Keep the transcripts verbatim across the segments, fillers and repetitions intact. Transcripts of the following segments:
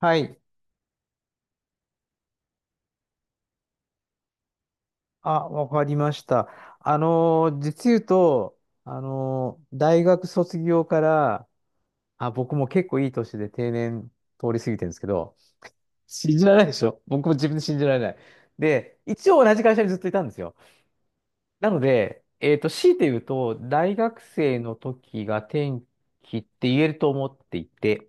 はい。あ、わかりました。あのー、実言うと、あのー、大学卒業から、あ、僕も結構いい年で定年通り過ぎてるんですけど、信じられないでしょ、僕も自分で信じられない。で、一応同じ会社にずっといたんですよ。なので、えっと、強いて言うと、大学生の時が転機って言えると思っていて、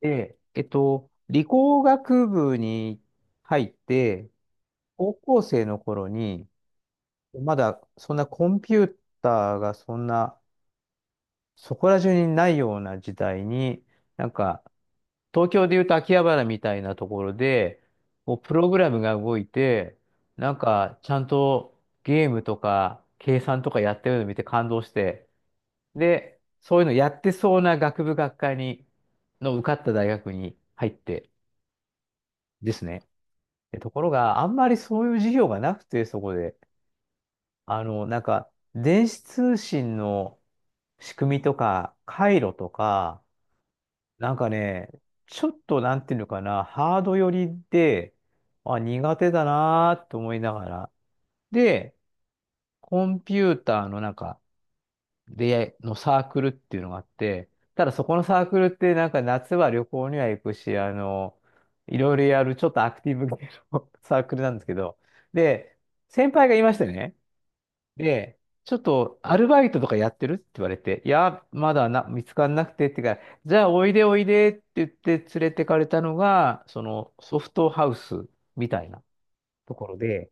で、えっと、理工学部に入って、高校生の頃に、まだそんなコンピューターがそんなそこら中にないような時代に、なんか東京でいうと秋葉原みたいなところで、こうプログラムが動いて、なんかちゃんとゲームとか計算とかやってるのを見て感動して、で、そういうのやってそうな学部学科に、の受かった大学に入ってですね。でところが、あんまりそういう授業がなくて、そこで。あの、なんか電子通信の仕組みとか、回路とか、なんかね、ちょっとなんていうのかな、ハード寄りで、あ、苦手だなーと思いながら。で、コンピューターのなんか、で、のサークルっていうのがあって、ただそこのサークルってなんか夏は旅行には行くし、あの、いろいろやるちょっとアクティブ系の サークルなんですけど、で、先輩がいましてね、で、ちょっとアルバイトとかやってるって言われて、いや、まだな、見つからなくてって言うから、じゃあおいでおいでって言って連れてかれたのが、そのソフトハウスみたいなところで、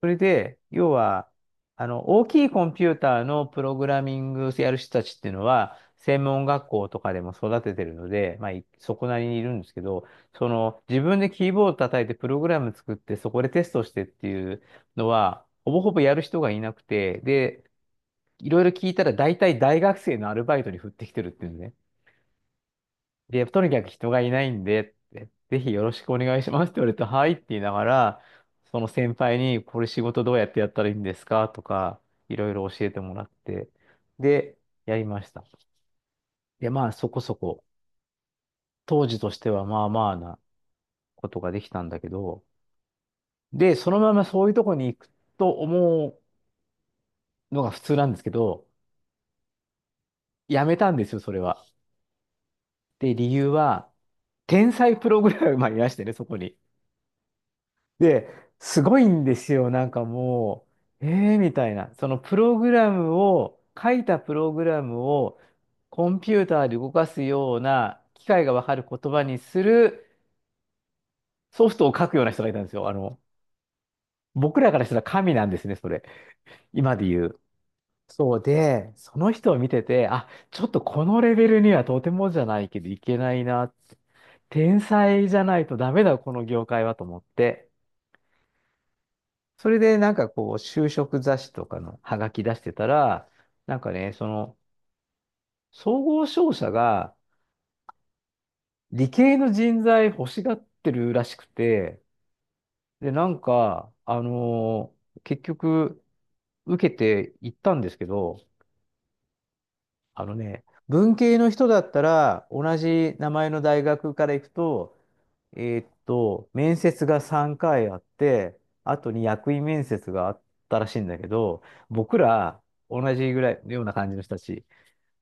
それで、要は、あの、大きいコンピューターのプログラミングやる人たちっていうのは、専門学校とかでも育ててるので、まあ、いそこなりにいるんですけど、その、自分でキーボード叩いてプログラム作って、そこでテストしてっていうのは、ほぼほぼやる人がいなくて、で、いろいろ聞いたら大体大学生のアルバイトに振ってきてるっていうんね。で、とにかく人がいないんで、ってぜひよろしくお願いしますって言われて、はいって言いながら、その先輩に、これ仕事どうやってやったらいいんですかとか、いろいろ教えてもらって、で、やりました。で、まあそこそこ、当時としてはまあまあなことができたんだけど、で、そのままそういうとこに行くと思うのが普通なんですけど、やめたんですよ、それは。で、理由は、天才プログラマーいらしてね、そこに。で、すごいんですよ。なんかもう、えーみたいな。そのプログラムを、書いたプログラムをコンピューターで動かすような機械がわかる言葉にするソフトを書くような人がいたんですよ。あの、僕らからしたら神なんですね、それ。今で言う。そうで、その人を見てて、あ、ちょっとこのレベルにはとてもじゃないけどいけないなって。天才じゃないとダメだ、この業界はと思って。それでなんかこう、就職雑誌とかのハガキ出してたら、なんかね、その、総合商社が理系の人材欲しがってるらしくて、で、なんか、あのー結局、受けて行ったんですけど、あのね、文系の人だったら、同じ名前の大学から行くと、えーっと、面接がさんかいあって、あとに役員面接があったらしいんだけど、僕ら、同じぐらい、ような感じの人たち。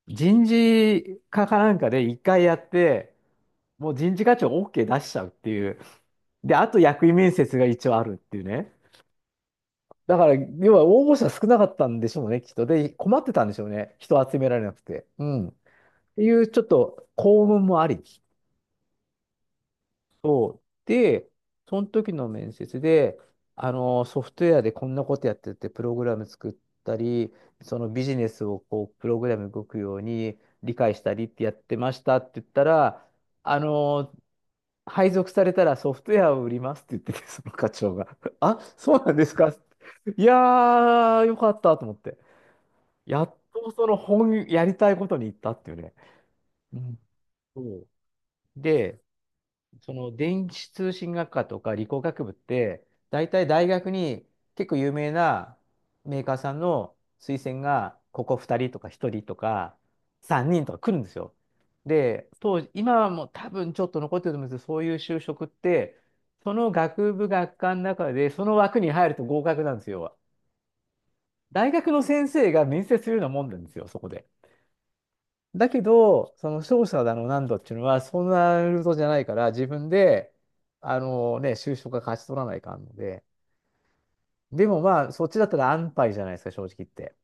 人事課かなんかで一回やって、もう人事課長 オーケー 出しちゃうっていう。で、あと役員面接が一応あるっていうね。だから、要は応募者少なかったんでしょうね、きっと。で、困ってたんでしょうね。人集められなくて。うん。っていう、ちょっと幸運もあり。で、その時の面接で、あの、ソフトウェアでこんなことやってて、プログラム作ったり、そのビジネスをこう、プログラム動くように理解したりってやってましたって言ったら、あの配属されたらソフトウェアを売りますって言ってて、その課長が。あ、そうなんですか、いやー、よかったと思って。やっとその本、やりたいことに行ったっていうね。うん。そうで、その電子通信学科とか理工学部って、大体大学に結構有名なメーカーさんの推薦が、ここふたりとかひとりとかさんにんとか来るんですよ。で、当時、今はもう多分ちょっと残ってると思うんですけど、そういう就職って、その学部学科の中で、その枠に入ると合格なんですよ。大学の先生が面接するようなもんなんですよ、そこで。だけど、その勝者だの何度っていうのは、そんなルートじゃないから、自分で、あのね、就職が勝ち取らないかんので、でもまあ、そっちだったら安牌じゃないですか、正直言って。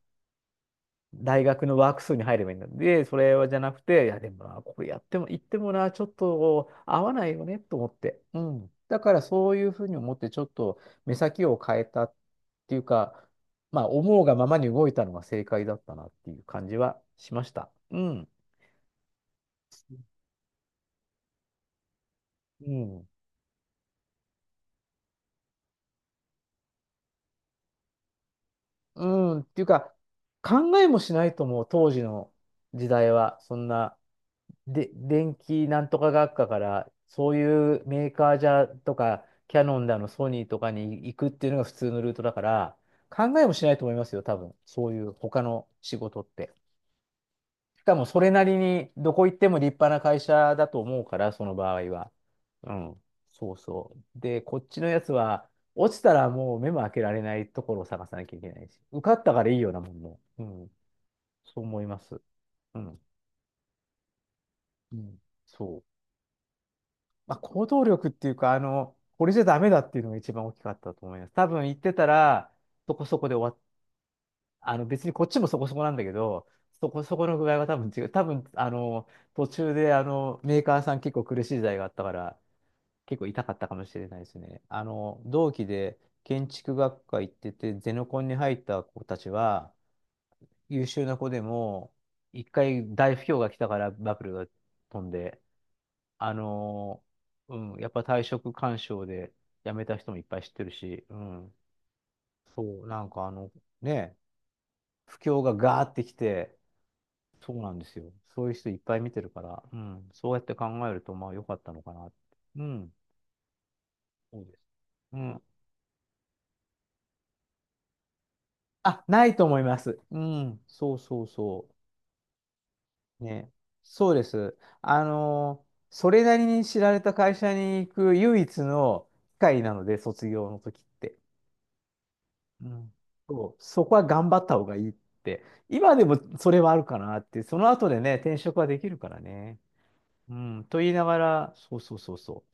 大学のワーク数に入ればいいんだ。で、それはじゃなくて、いや、でもな、これやっても、言ってもな、ちょっと合わないよね、と思って。うん。だから、そういうふうに思って、ちょっと目先を変えたっていうか、まあ、思うがままに動いたのが正解だったなっていう感じはしました。うん。うん。うん、っていうか、考えもしないと思う、当時の時代は。そんな、で、電気なんとか学科から、そういうメーカーじゃとか、キャノンだの、ソニーとかに行くっていうのが普通のルートだから、考えもしないと思いますよ、多分。そういう他の仕事って。しかもそれなりにどこ行っても立派な会社だと思うから、その場合は。うん。そうそう。で、こっちのやつは、落ちたらもう目も開けられないところを探さなきゃいけないし、受かったからいいようなもんも。うん。そう思います。うん。うん。そう。まあ、行動力っていうか、あの、これじゃダメだっていうのが一番大きかったと思います。多分行ってたら、そこそこで終わあの別に、こっちもそこそこなんだけど、そこそこの具合は多分違う。多分、あの、途中であの、メーカーさん結構苦しい時代があったから、結構痛かったかもしれないですね。あの、同期で建築学科行ってて、ゼノコンに入った子たちは、優秀な子でも、一回大不況が来たからバブルが飛んで、あの、うん、やっぱ退職勧奨で辞めた人もいっぱい知ってるし、うん、そう、なんかあの、ね、不況がガーってきて、そうなんですよ。そういう人いっぱい見てるから、うん、そうやって考えると、まあ良かったのかなって。うん、そうです。うん。あ、ないと思います。うん、そうそうそう。ね。そうです。あのーそれなりに知られた会社に行く唯一の機会なので、卒業の時って。うん。そう、そこは頑張った方がいいって。今でもそれはあるかなって、その後でね、転職はできるからね。うん、と言いながら、そうそうそうそう。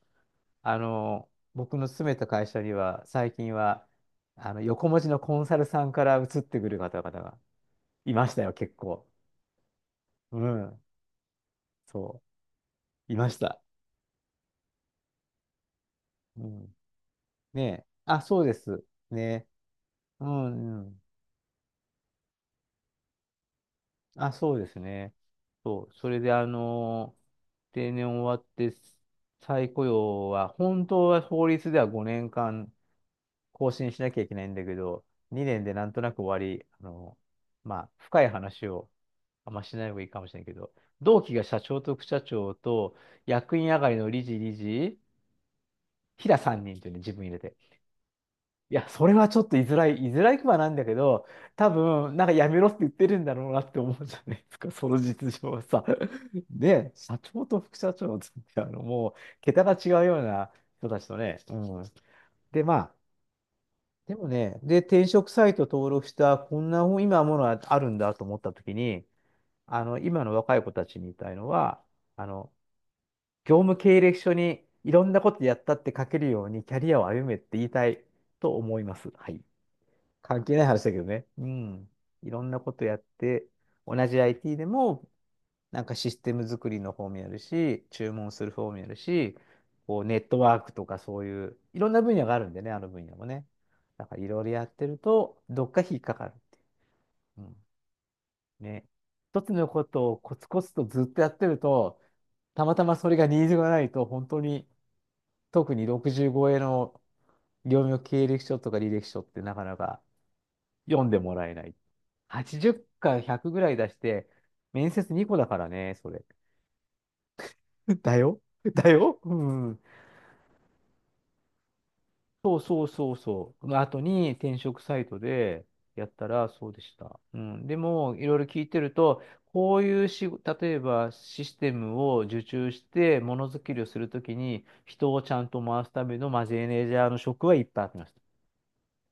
あの、僕の勤めた会社には、最近は、あの、横文字のコンサルさんから移ってくる方々がいましたよ、結構。うん。そう。いました。うん。ねえ。あ、そうです。ね。うん、うん。あ、そうですね。そう。それで、あのー定年終わって、再雇用は、本当は法律ではごねんかん更新しなきゃいけないんだけど、にねんでなんとなく終わり、あのーまあ、深い話をあんましない方がいいかもしれないけど、同期が社長と副社長と、役員上がりの理事、理事、平さんにんというね、自分入れて。いや、それはちょっと居づらい、居づらいくはなんだけど、多分、なんかやめろって言ってるんだろうなって思うじゃないですか、その実情はさ。で、社長と副社長ってあの、もう、桁が違うような人たちとね。うん。で、まあ、でもね、で、転職サイト登録した、こんな本今ものはあるんだと思ったときに、あの、今の若い子たちに言いたいのは、あの、業務経歴書にいろんなことやったって書けるようにキャリアを歩めって言いたいと思います。はい。関係ない話だけどね。うん。いろんなことやって、同じ アイティー でも、なんかシステム作りの方もやるし、注文する方もやるし、こうネットワークとかそういう、いろんな分野があるんでね、あの分野もね。だからいろいろやってると、どっか引っかかる。うん。ね。一つのことをコツコツとずっとやってると、たまたまそれがニーズがないと、本当に、特にろくじゅうごえんの業務経歴書とか履歴書ってなかなか読んでもらえない。はちじゅうかひゃくぐらい出して、面接にこだからね、それ。だよだようん。そうそうそうそう。の後に転職サイトでやったらそうでした。うん。でも、いろいろ聞いてると、こういうし例えばシステムを受注して、ものづくりをするときに、人をちゃんと回すためのマネージャーの職はいっぱいありました。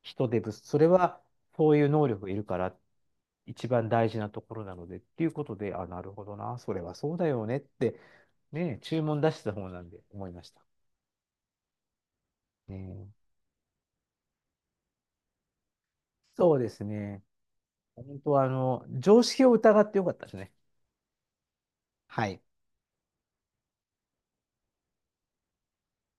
人手不足。それは、そういう能力がいるから一番大事なところなのでっていうことで、あ、なるほどな、それはそうだよねって、ね、注文出してた方なんで思いました。ね、そうですね。本当は、あの、常識を疑ってよかったですね。はい。